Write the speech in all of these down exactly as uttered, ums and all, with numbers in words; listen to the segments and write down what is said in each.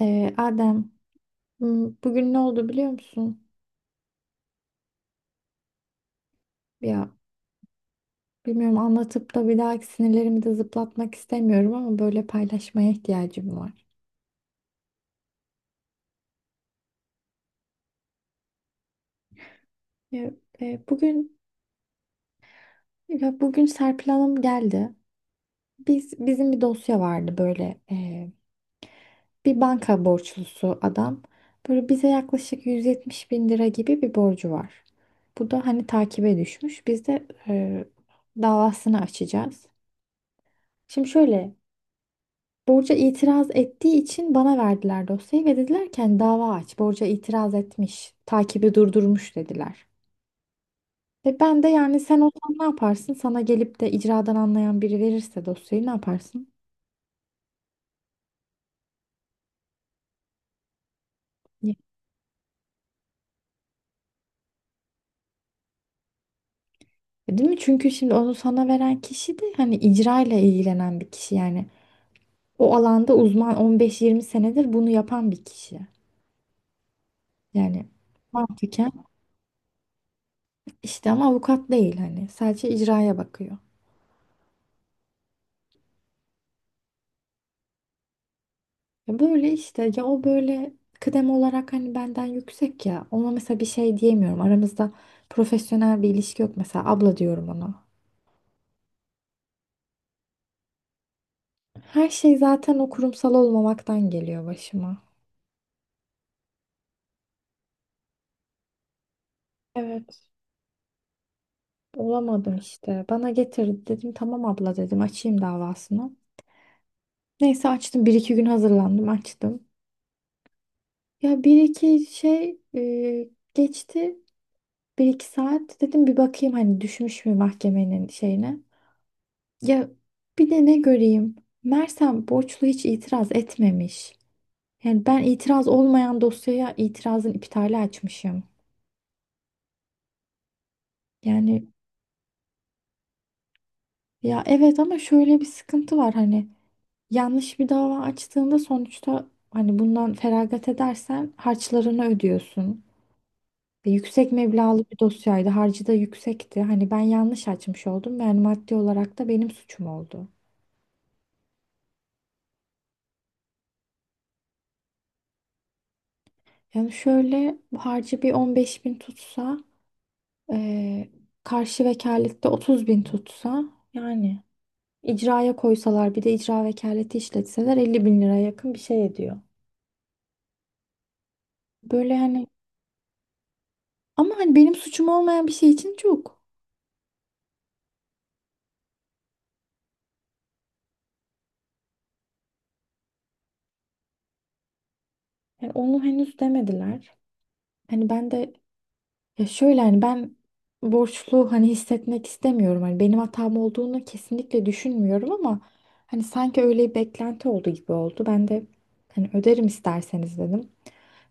Ee, Adem, m, bugün ne oldu biliyor musun? Ya, bilmiyorum, anlatıp da bir dahaki sinirlerimi de zıplatmak istemiyorum ama böyle paylaşmaya ihtiyacım var. Ya, e, bugün ya bugün Serpil Hanım geldi. Biz bizim bir dosya vardı böyle, e, bir banka borçlusu adam. Böyle bize yaklaşık yüz yetmiş bin lira gibi bir borcu var. Bu da hani takibe düşmüş. Biz de e, davasını açacağız. Şimdi şöyle. Borca itiraz ettiği için bana verdiler dosyayı ve dediler ki hani dava aç. Borca itiraz etmiş. Takibi durdurmuş dediler. Ve ben de, yani sen olsan ne yaparsın? Sana gelip de icradan anlayan biri verirse dosyayı ne yaparsın? Ya. Değil mi? Çünkü şimdi onu sana veren kişi de hani icra ile ilgilenen bir kişi yani. O alanda uzman, on beş yirmi senedir bunu yapan bir kişi. Yani mantıken işte, ama avukat değil hani, sadece icraya bakıyor. Ya böyle işte, ya o böyle kıdem olarak hani benden yüksek, ya ona mesela bir şey diyemiyorum. Aramızda profesyonel bir ilişki yok, mesela abla diyorum ona. Her şey zaten o kurumsal olmamaktan geliyor başıma. Evet. Olamadım işte. Bana getirdi, dedim tamam abla, dedim açayım davasını. Neyse açtım, bir iki gün hazırlandım, açtım. Ya bir iki şey e, geçti, bir iki saat dedim bir bakayım hani düşmüş mü mahkemenin şeyine. Ya, bir de ne göreyim? Mersem borçlu hiç itiraz etmemiş. Yani ben itiraz olmayan dosyaya itirazın iptali açmışım. Yani, ya evet, ama şöyle bir sıkıntı var hani, yanlış bir dava açtığında sonuçta hani bundan feragat edersen harçlarını ödüyorsun. Ve yüksek meblağlı bir dosyaydı. Harcı da yüksekti. Hani ben yanlış açmış oldum. Yani maddi olarak da benim suçum oldu. Yani şöyle, bu harcı bir on beş bin tutsa, Ee, karşı vekalette otuz bin tutsa, yani icraya koysalar bir de icra vekaleti işletseler elli bin liraya yakın bir şey ediyor. Böyle hani, ama hani benim suçum olmayan bir şey için çok. Yani onu henüz demediler. Hani ben de, ya şöyle hani ben borçlu hani hissetmek istemiyorum. Hani benim hatam olduğunu kesinlikle düşünmüyorum, ama hani sanki öyle bir beklenti oldu gibi oldu. Ben de hani öderim isterseniz dedim.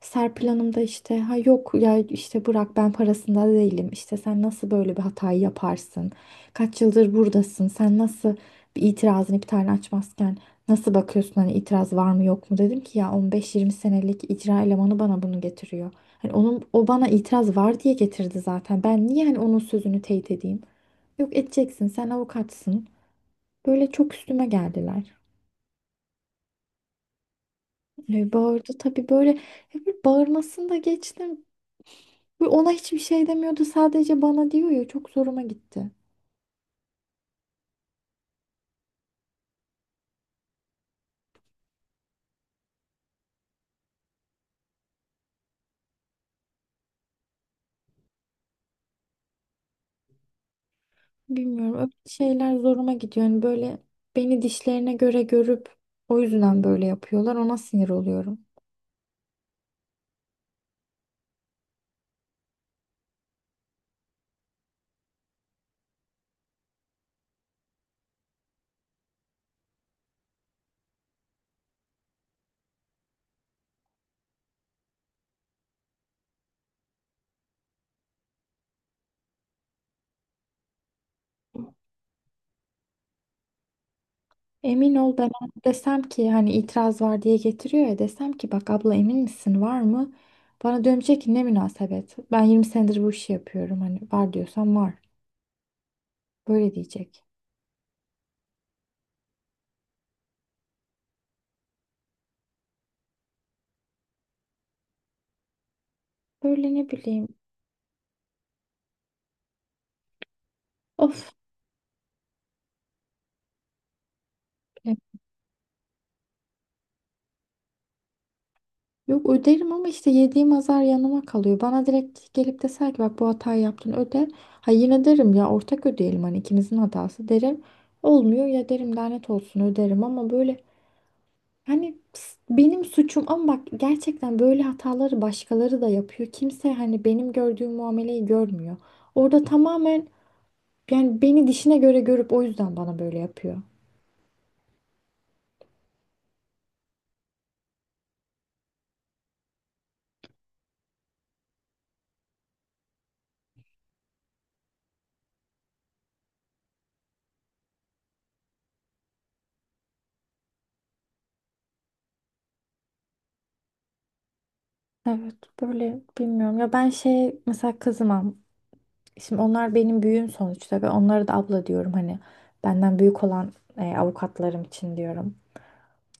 Serpil Hanım da işte, ha yok ya işte bırak, ben parasında değilim işte, sen nasıl böyle bir hatayı yaparsın, kaç yıldır buradasın, sen nasıl bir itirazını bir tane açmazken, nasıl bakıyorsun hani itiraz var mı yok mu, dedim ki ya on beş yirmi senelik icra elemanı bana bunu getiriyor hani, onun o bana itiraz var diye getirdi zaten, ben niye hani onun sözünü teyit edeyim, yok edeceksin sen avukatsın, böyle çok üstüme geldiler. E, bağırdı tabii, böyle, ya bir bağırmasını da geçtim. Ve ona hiçbir şey demiyordu. Sadece bana diyor, ya çok zoruma gitti. Bilmiyorum, öyle şeyler zoruma gidiyor. Yani böyle beni dişlerine göre görüp o yüzden böyle yapıyorlar. Ona sinir oluyorum. Emin ol, ben desem ki hani itiraz var diye getiriyor ya, desem ki bak abla emin misin var mı? Bana dönecek ki ne münasebet. Ben yirmi senedir bu işi yapıyorum. Hani var diyorsan var. Böyle diyecek. Böyle ne bileyim. Of. Yok, öderim ama işte yediğim azar yanıma kalıyor. Bana direkt gelip deser ki bak bu hatayı yaptın öde. Ha yine derim, ya ortak ödeyelim hani, ikimizin hatası derim. Olmuyor ya derim, lanet olsun öderim, ama böyle hani ps- benim suçum, ama bak gerçekten böyle hataları başkaları da yapıyor. Kimse hani benim gördüğüm muameleyi görmüyor. Orada tamamen, yani beni dişine göre görüp o yüzden bana böyle yapıyor. Evet, böyle bilmiyorum ya, ben şey mesela kızım. Şimdi onlar benim büyüğüm sonuçta ve onlara da abla diyorum, hani benden büyük olan e, avukatlarım için diyorum.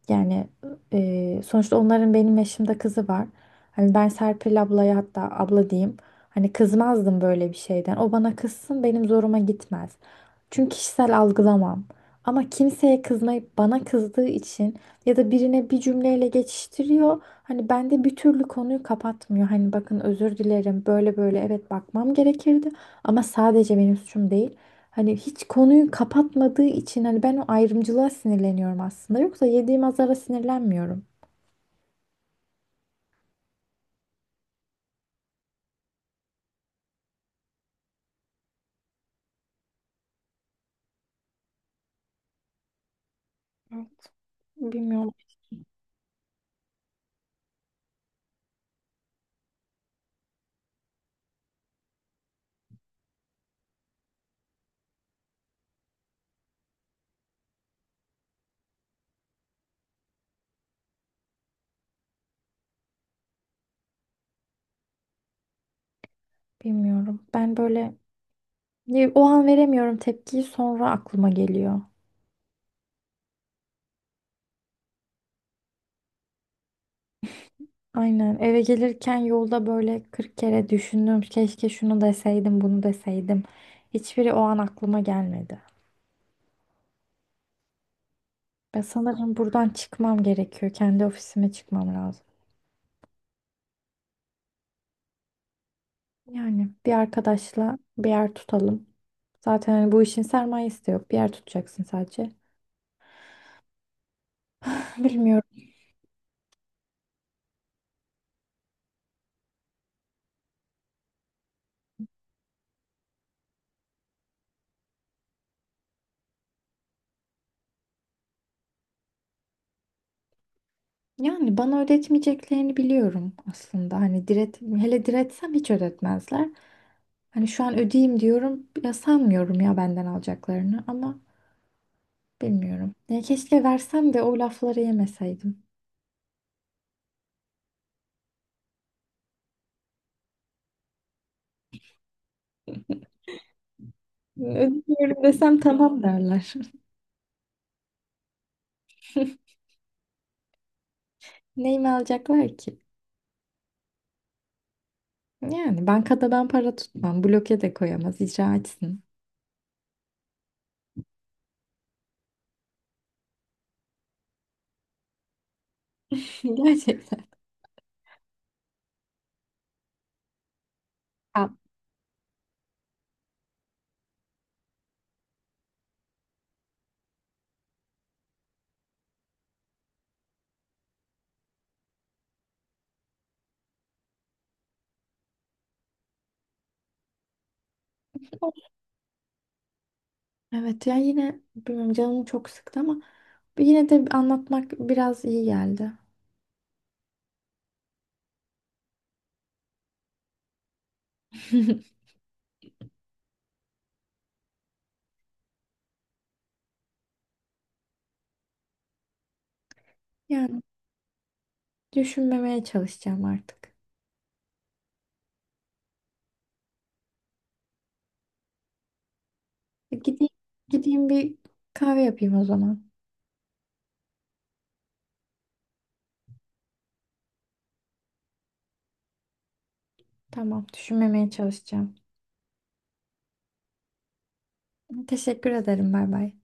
Yani, e, sonuçta onların benim yaşımda kızı var. Hani ben Serpil ablaya hatta abla diyeyim. Hani kızmazdım böyle bir şeyden. O bana kızsın, benim zoruma gitmez. Çünkü kişisel algılamam. Ama kimseye kızmayıp bana kızdığı için, ya da birine bir cümleyle geçiştiriyor. Hani bende bir türlü konuyu kapatmıyor. Hani bakın özür dilerim böyle böyle, evet bakmam gerekirdi. Ama sadece benim suçum değil. Hani hiç konuyu kapatmadığı için hani ben o ayrımcılığa sinirleniyorum aslında. Yoksa yediğim azara sinirlenmiyorum. Bilmiyorum, bilmiyorum. Ben böyle ne- o an veremiyorum tepkiyi, sonra aklıma geliyor. Aynen, eve gelirken yolda böyle kırk kere düşündüm. Keşke şunu deseydim, bunu deseydim. Hiçbiri o an aklıma gelmedi. Ben sanırım buradan çıkmam gerekiyor. Kendi ofisime çıkmam lazım. Yani bir arkadaşla bir yer tutalım. Zaten hani bu işin sermayesi de yok, bir yer tutacaksın sadece. Bilmiyorum. Yani bana ödetmeyeceklerini biliyorum aslında. Hani diret, hele diretsem hiç ödetmezler. Hani şu an ödeyeyim diyorum. Ya sanmıyorum ya benden alacaklarını, ama bilmiyorum. Ya keşke versem de o lafları yemeseydim. Ödemiyorum desem tamam derler. Neyimi alacaklar ki? Yani bankada ben para tutmam. Bloke de koyamaz. İcra etsin. Gerçekten. Ya, evet ya, yine bilmiyorum, canımı çok sıktı ama yine de anlatmak biraz iyi geldi. Yani düşünmemeye çalışacağım artık. E, Gideyim, gideyim bir kahve yapayım o zaman. Tamam, düşünmemeye çalışacağım. Teşekkür ederim. Bay bay.